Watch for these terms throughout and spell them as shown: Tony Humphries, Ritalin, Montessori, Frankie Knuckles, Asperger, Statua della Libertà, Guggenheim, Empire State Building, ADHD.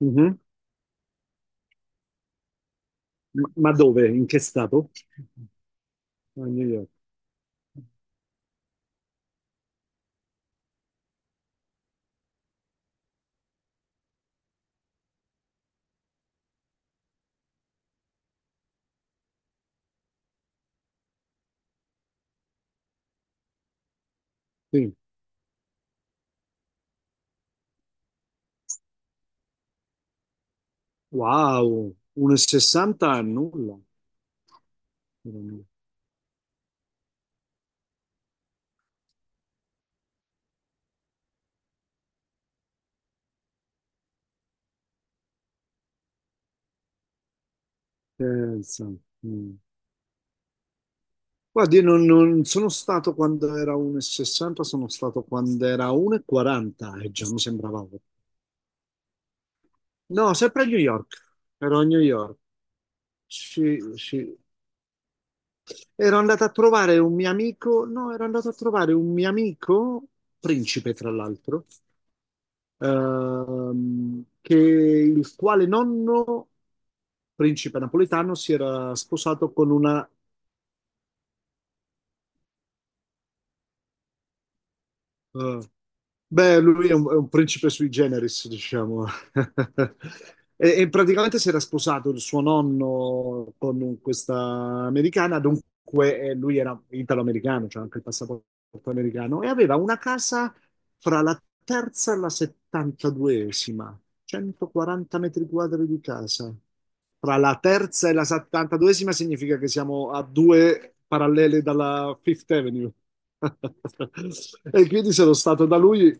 Mhm. Ma dove? In che stato? A New York. Sì. Wow, 1,60 è nulla. Pensa. Mm. Guardi, io non sono stato quando era 1,60, sono stato quando era 1,40 e quaranta e già mi sembrava poco. No, sempre a New York. Ero a New York. Sì, sì. Ero andato a trovare un mio amico, no, ero andato a trovare un mio amico, principe tra l'altro, che il quale nonno, principe napoletano, si era sposato con una eh, Beh, lui è un principe sui generis, diciamo. E praticamente si era sposato il suo nonno con questa americana, dunque, lui era italo-americano, cioè anche il passaporto americano, e aveva una casa fra la terza e la settantaduesima, 140 metri quadri di casa. Fra la terza e la settantaduesima significa che siamo a due parallele dalla Fifth Avenue. E quindi sono stato da lui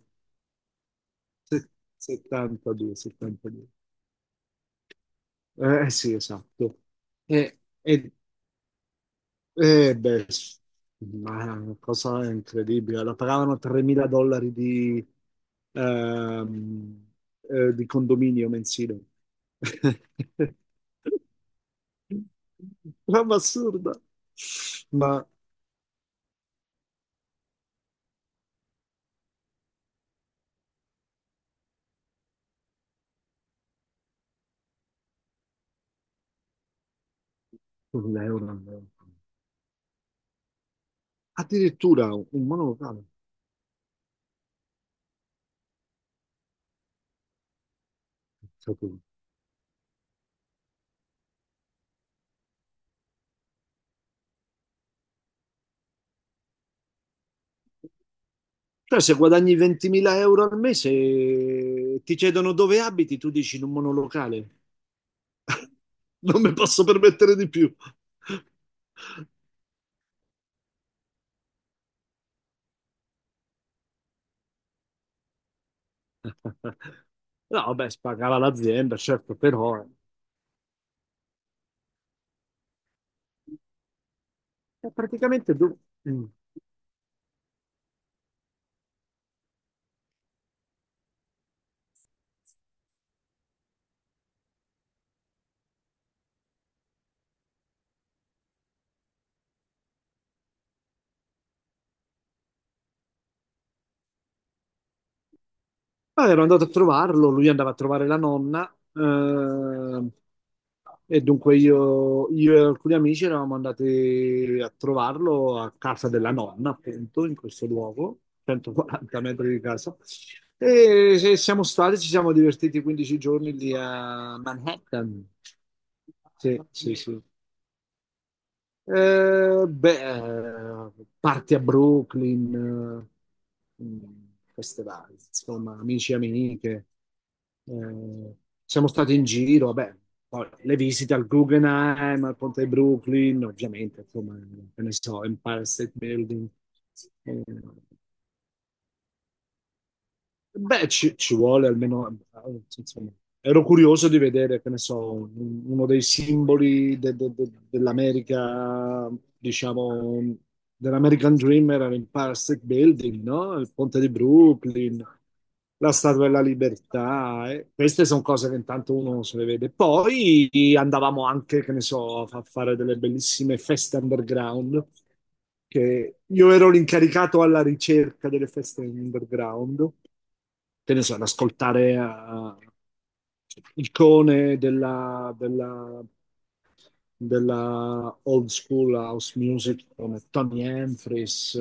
se- 72, 72. Eh sì, esatto. E, e- e, beh, ma è una cosa incredibile. La pagavano 3.000 dollari ehm, di condominio mensile. Roba assurda. Ma l'euro. Addirittura un monolocale. Cioè, se guadagni 20.000 euro al mese, ti chiedono dove abiti, tu dici in un monolocale. Non mi posso permettere di più. No, vabbè, spagava l'azienda, certo, però, praticamente tu. Mm. Ah, ero andato a trovarlo, lui andava a trovare la nonna, e dunque io e alcuni amici eravamo andati a trovarlo a casa della nonna, appunto, in questo luogo, 140 metri di casa. E siamo stati, ci siamo divertiti 15 giorni lì a Manhattan. Sì, sì, sì. Beh, parti a Brooklyn, queste varie, insomma, amici e amiche. Eh, Siamo stati in giro, vabbè, poi le visite al Guggenheim, al Ponte di Brooklyn, ovviamente, insomma, che ne so, Empire State Building. Eh, Beh, ci vuole almeno, insomma, ero curioso di vedere, che ne so, uno dei simboli dell'America, diciamo, dell'American Dream era l'Empire State Building, no? Il ponte di Brooklyn, la Statua della Libertà, eh. Queste sono cose che intanto uno se le vede. Poi andavamo anche, che ne so, a fare delle bellissime feste underground, che io ero l'incaricato alla ricerca delle feste underground, che ne so, ad ascoltare il cone della old school house music come Tony Humphries,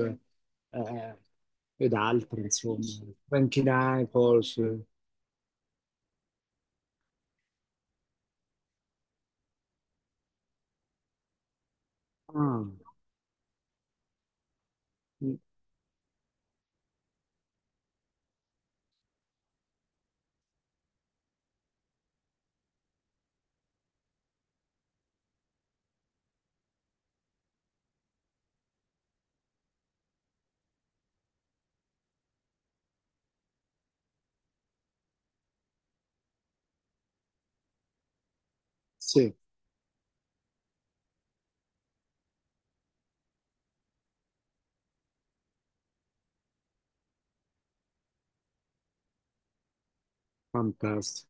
eh, ed altri, insomma, Frankie Knuckles. Ah, sì, fantastico.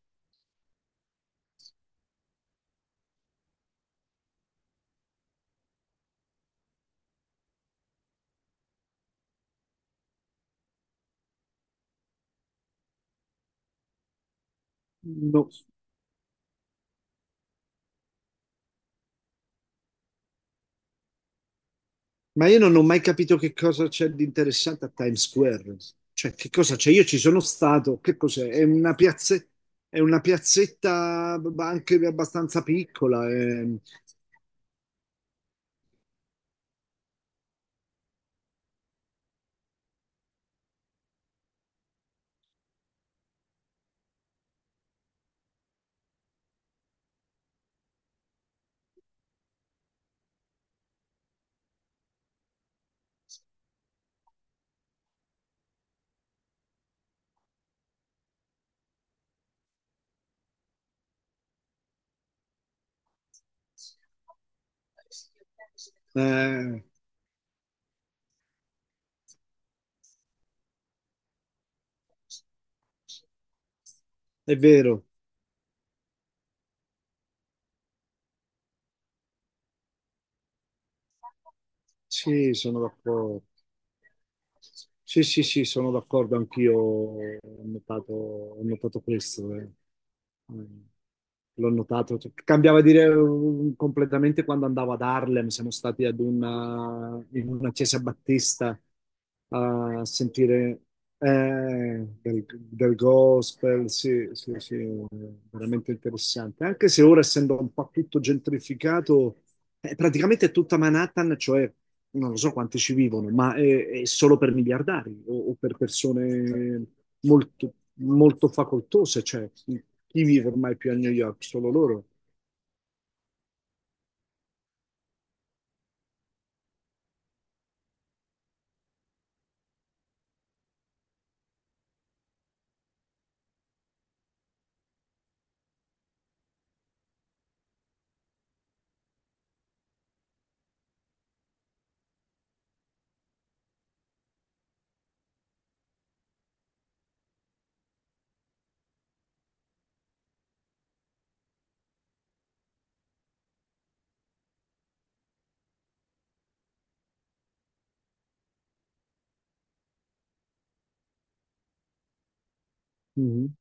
No, ma io non ho mai capito che cosa c'è di interessante a Times Square. Cioè, che cosa c'è? Io ci sono stato, che cos'è? È una piazzetta, anche abbastanza piccola. Eh, è vero. Sì, sono d'accordo. Sì, sì, sì, sono d'accordo anch'io. Ho notato questo. Mm. L'ho notato. Cioè, cambiava dire completamente quando andavo ad Harlem. Siamo stati in una chiesa battista a sentire del gospel. Sì, sì, sì, veramente interessante. Anche se ora, essendo un po' tutto gentrificato, praticamente è tutta Manhattan, cioè non lo so quanti ci vivono, ma è solo per miliardari o per persone molto, molto facoltose, cioè chi vive ormai più a New York? Solo loro. Mhm.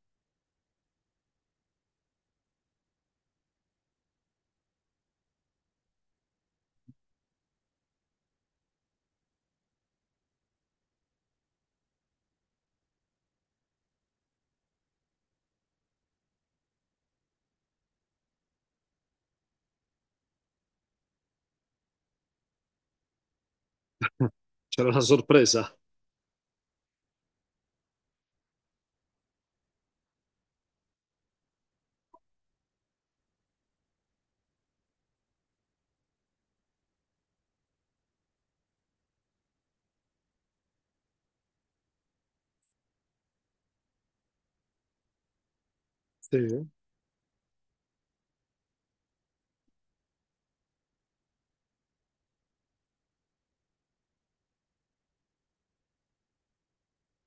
C'era la sorpresa, sì,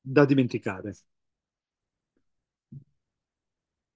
da dimenticare.